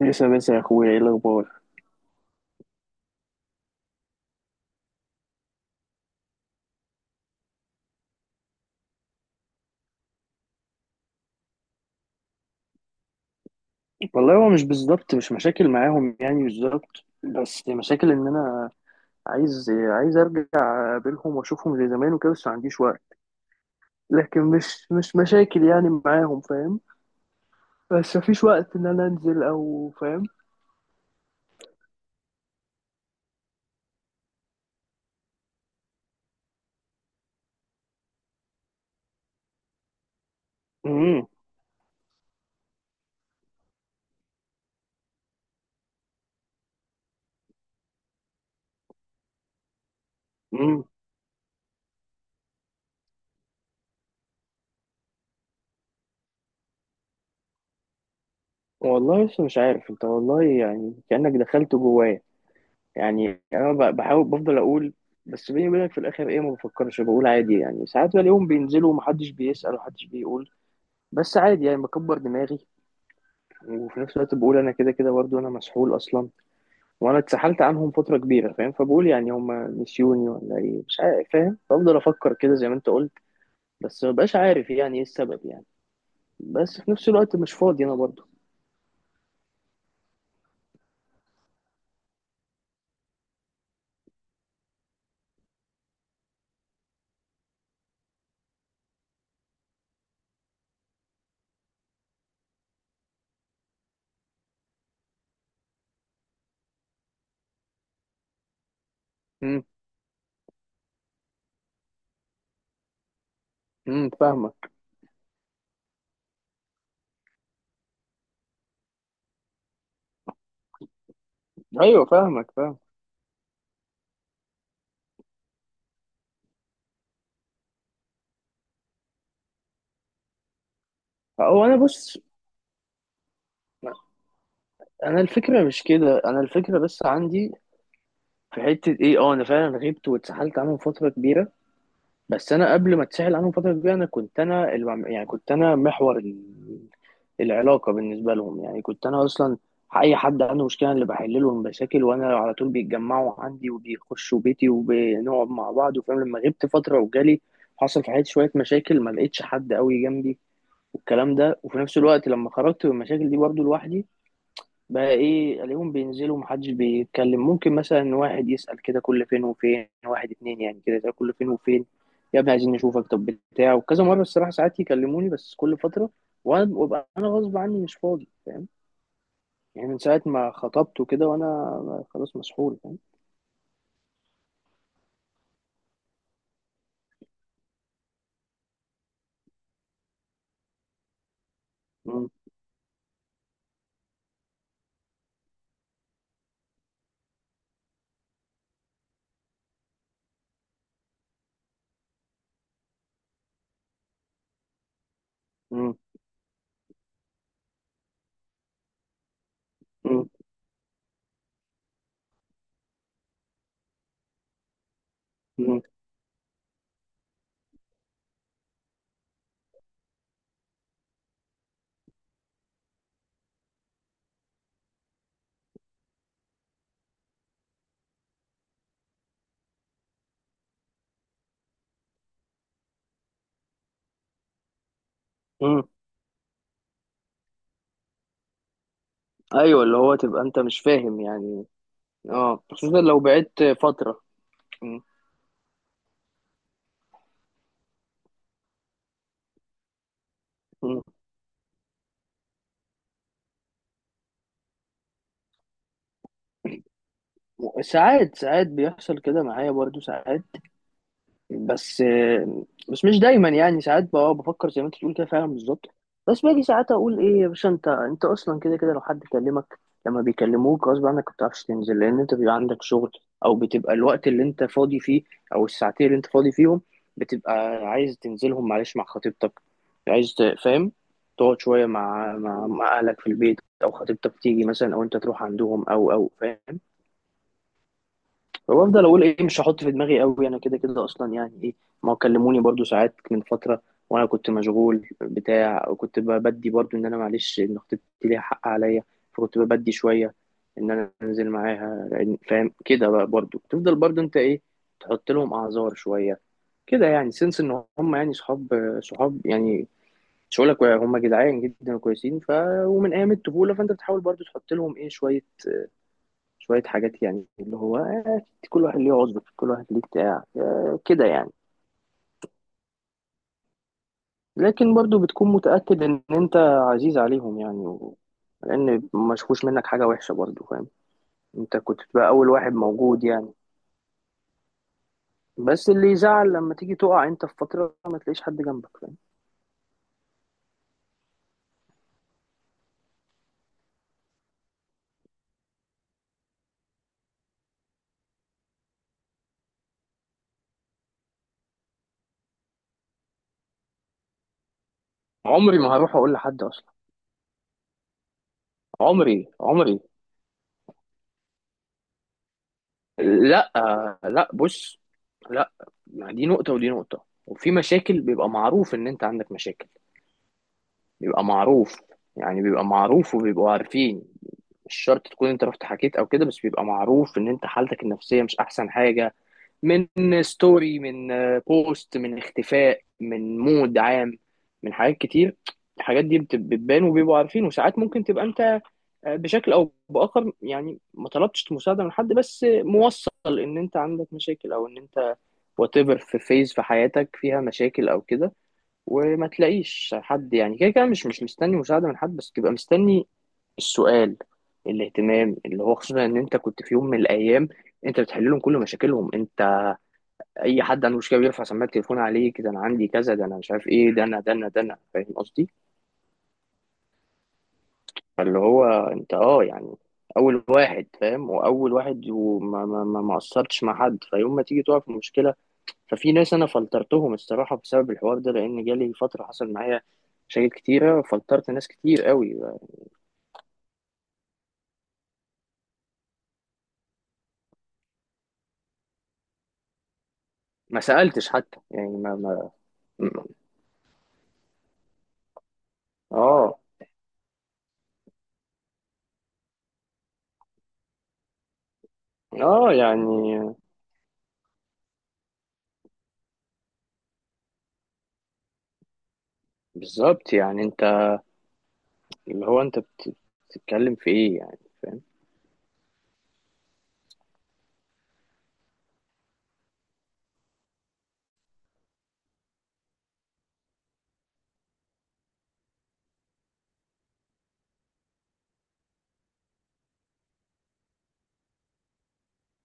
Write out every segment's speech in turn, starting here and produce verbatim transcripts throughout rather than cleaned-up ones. لسه بس يا اخويا، ايه الاخبار؟ والله هو مش بالظبط، مش مشاكل معاهم يعني بالظبط، بس مشاكل ان انا عايز عايز ارجع اقابلهم واشوفهم زي زمان وكده، بس ما عنديش وقت. لكن مش مش مشاكل يعني معاهم، فاهم؟ بس مفيش وقت ان انا انزل، او فاهم. امم امم والله لسه مش عارف، انت والله يعني كأنك دخلت جوايا. يعني انا ب- بحاول، بفضل اقول، بس بيني وبينك في الاخر ايه، ما بفكرش، بقول عادي يعني. ساعات بلاقيهم بينزلوا ومحدش بيسأل ومحدش بيقول، بس عادي يعني بكبر دماغي. وفي نفس الوقت بقول انا كده كده برضه انا مسحول اصلا، وانا اتسحلت عنهم فتره كبيره، فاهم؟ فبقول يعني هم نسيوني ولا ايه، مش عارف، فاهم؟ بفضل افكر كده زي ما انت قلت، بس مبقاش عارف يعني ايه السبب يعني. بس في نفس الوقت مش فاضي انا برضه. امم امم فاهمك. ايوه فاهمك، فاهم. هو انا بص، انا الفكره مش كده، انا الفكره بس عندي في حته ايه، اه انا فعلا غبت واتسحلت عنهم فتره كبيره، بس انا قبل ما اتسحل عنهم فتره كبيره انا كنت انا الوع... يعني كنت انا محور العلاقه بالنسبه لهم. يعني كنت انا اصلا، اي حد عنده مشكله، أنا اللي بحل له المشاكل، وانا على طول بيتجمعوا عندي وبيخشوا بيتي وبنقعد مع بعض وفاهم. لما غبت فتره وجالي، حصل في حياتي شويه مشاكل، ما لقيتش حد قوي جنبي والكلام ده. وفي نفس الوقت لما خرجت من المشاكل دي برضو لوحدي، بقى ايه، الاقيهم بينزلوا، محدش بيتكلم. ممكن مثلا واحد يسأل كده كل فين وفين، واحد اتنين يعني كده يسأل كل فين وفين، يا ابني عايزين نشوفك، طب، بتاع. وكذا مرة الصراحة ساعات يكلموني، بس كل فترة، وانا وابقى انا غصب عني مش فاضي، فاهم؟ يعني من ساعة ما خطبت وكده، وانا خلاص مسحول، فاهم؟ مم، مم، مم، مم، مم. ايوه، اللي هو تبقى انت مش فاهم يعني. اه، خصوصا لو بعدت فترة. مم، مم. ساعات ساعات بيحصل كده معايا برضو، ساعات، بس بس مش دايما يعني. ساعات بقى بفكر زي ما انت بتقول كده فعلا بالظبط، بس باجي ساعات اقول ايه، يا باشا انت انت اصلا كده كده لو حد كلمك، لما بيكلموك غصب عنك ما بتعرفش تنزل، لان انت بيبقى عندك شغل، او بتبقى الوقت اللي انت فاضي فيه، او الساعتين اللي انت فاضي فيهم، بتبقى عايز تنزلهم معلش مع خطيبتك. عايز ت- فاهم، تقعد شويه مع مع مع اهلك في البيت، او خطيبتك تيجي مثلا، او انت تروح عندهم، او او فاهم. وافضل اقول ايه، مش هحط في دماغي قوي، انا كده كده اصلا يعني ايه، ما هو كلموني برضو ساعات من فتره، وانا كنت مشغول بتاع، وكنت بدي برضو ان انا معلش ان خطيبتي ليها حق عليا، فكنت بدي شويه ان انا انزل معاها لأن- فاهم. كده بقى برضو تفضل برضو انت ايه، تحط لهم اعذار شويه كده، يعني سنس ان هم يعني صحاب صحاب يعني، مش هقول لك هم جدعان جدا وكويسين ف، ومن ايام الطفوله، فانت بتحاول برضو تحط لهم ايه شويه، شوية حاجات، يعني اللي هو آه، كل واحد ليه عذر، كل واحد ليه بتاع، آه، كده يعني. لكن برضو بتكون متأكد إن أنت عزيز عليهم يعني و، لأن ما شافوش منك حاجة وحشة برضو، فاهم؟ أنت كنت بقى أول واحد موجود يعني. بس اللي يزعل لما تيجي تقع أنت في فترة ما تلاقيش حد جنبك، فاهم؟ عمري ما هروح أقول لحد أصلا، عمري، عمري. لا، لا، بص، لا، ما دي نقطة ودي نقطة. وفي مشاكل بيبقى معروف إن أنت عندك مشاكل، بيبقى معروف يعني، بيبقى معروف وبيبقوا عارفين. مش شرط تكون انت رحت حكيت او كده، بس بيبقى معروف ان انت حالتك النفسية مش احسن حاجة، من ستوري، من آه، بوست، من اختفاء، من مود عام، من حاجات كتير. الحاجات دي بت- بتبان وبيبقوا عارفين. وساعات ممكن تبقى انت آه، بشكل او باخر، يعني ما طلبتش مساعدة من حد، بس موصل ان انت عندك مشاكل، او ان انت whatever، في فيز في حياتك فيها مشاكل او كده، وما تلاقيش حد. يعني كده كده مش مش مستني مساعدة من حد، بس تبقى مستني السؤال، الاهتمام، اللي هو خصوصا ان انت كنت في يوم من الايام انت بتحل لهم كل مشاكلهم. انت، اي حد عنده مشكله بيرفع سماعه التليفون عليك، ده انا عندي كذا، ده انا مش عارف ايه، ده انا ده انا ده انا فاهم قصدي؟ فاللي هو انت، اه يعني اول واحد فاهم، واول واحد، وما ما ما ما قصرتش مع حد. فيوم ما تيجي تقع في مشكله، ففي ناس انا فلترتهم الصراحه بسبب الحوار ده، لان جالي فتره حصل معايا مشاكل كتيرة، فلترت ناس كتير قوي. ما سألتش حتى يعني، ما ما ما- اه. اه يعني بالظبط، يعني انت اللي هو انت بتتكلم في ايه يعني، فاهم؟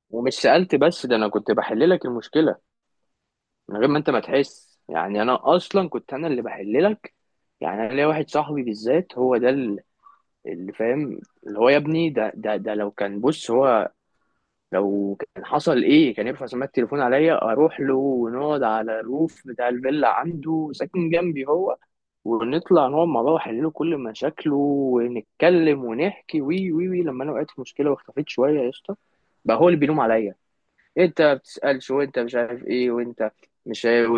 ومش سألت، بس ده انا كنت بحل لك المشكلة من غير ما انت ما تحس، يعني انا اصلا كنت انا اللي بحل لك. يعني انا ليا واحد صاحبي بالذات، هو ده ال- اللي فاهم، اللي هو يا ابني، ده ده ده لو كان بص هو، لو كان حصل ايه، كان يرفع سماعة التليفون عليا، اروح له ونقعد على الروف بتاع الفيلا، عنده ساكن جنبي هو، ونطلع نقعد مع بعض، واحلله كل مشاكله، ونتكلم ونحكي وي وي وي لما انا وقعت في مشكله واختفيت شويه يا اسطى، بقى هو اللي بيلوم عليا، انت ما بتسالش وانت مش عارف ايه، وانت مش عارف-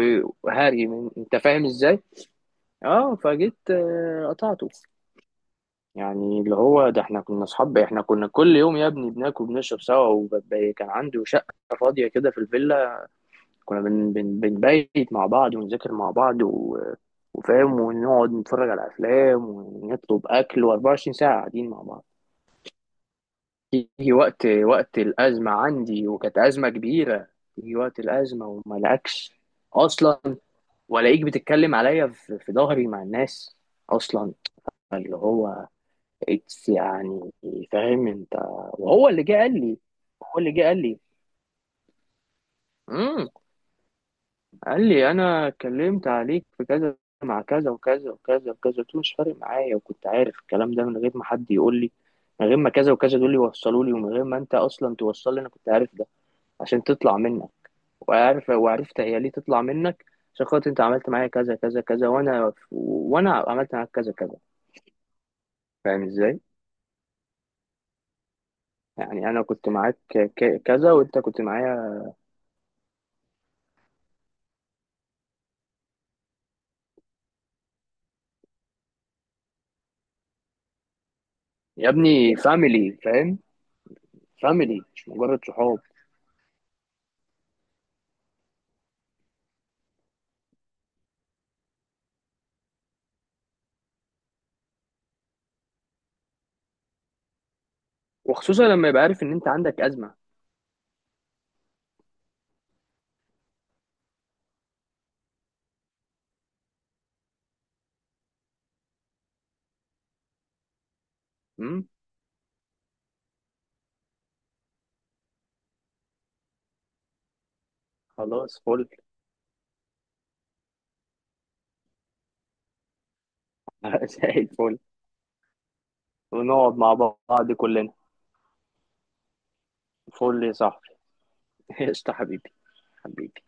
وهاري من انت، فاهم ازاي؟ اه، فجيت آه، قطعته. يعني اللي هو ده، احنا كنا اصحاب، احنا كنا كل يوم يا ابني بناكل بنشرب سوا، وكان عنده شقه فاضيه كده في الفيلا، كنا بن بن بنبيت مع بعض، ونذاكر مع بعض و... وفاهم، ونقعد نتفرج على افلام ونطلب اكل، و24 ساعه قاعدين مع بعض. يجي وقت وقت الازمه عندي، وكانت ازمه كبيره، يجي وقت الازمه وما لقاكش اصلا. والاقيك بتتكلم عليا في في ظهري مع الناس، اصلا. اللي هو اتس يعني، فاهم انت، وهو اللي جه قال لي، هو اللي جه قال لي قال لي انا اتكلمت عليك في كذا مع كذا وكذا وكذا وكذا. قلت له مش فارق معايا، وكنت عارف الكلام ده من غير ما حد يقول لي، من غير ما كذا وكذا دول يوصلوا لي، ومن غير ما انت اصلا توصل لي، انا كنت عارف ده عشان تطلع منك. وعارف وعرفت هي ليه تطلع منك، عشان خاطر انت عملت معايا كذا كذا كذا، وانا وانا عملت معاك كذا كذا، فاهم ازاي؟ يعني انا كنت معاك ك- كذا، وانت كنت معايا يا ابني فاميلي، فاهم؟ فاميلي، مش مجرد صحاب. وخصوصا لما يبقى عارف ان انت عندك ازمه. خلاص فل. زي الفل. ونقعد مع بعض كلنا، فل يا صاحبي. قشطة حبيبي، حبيبي.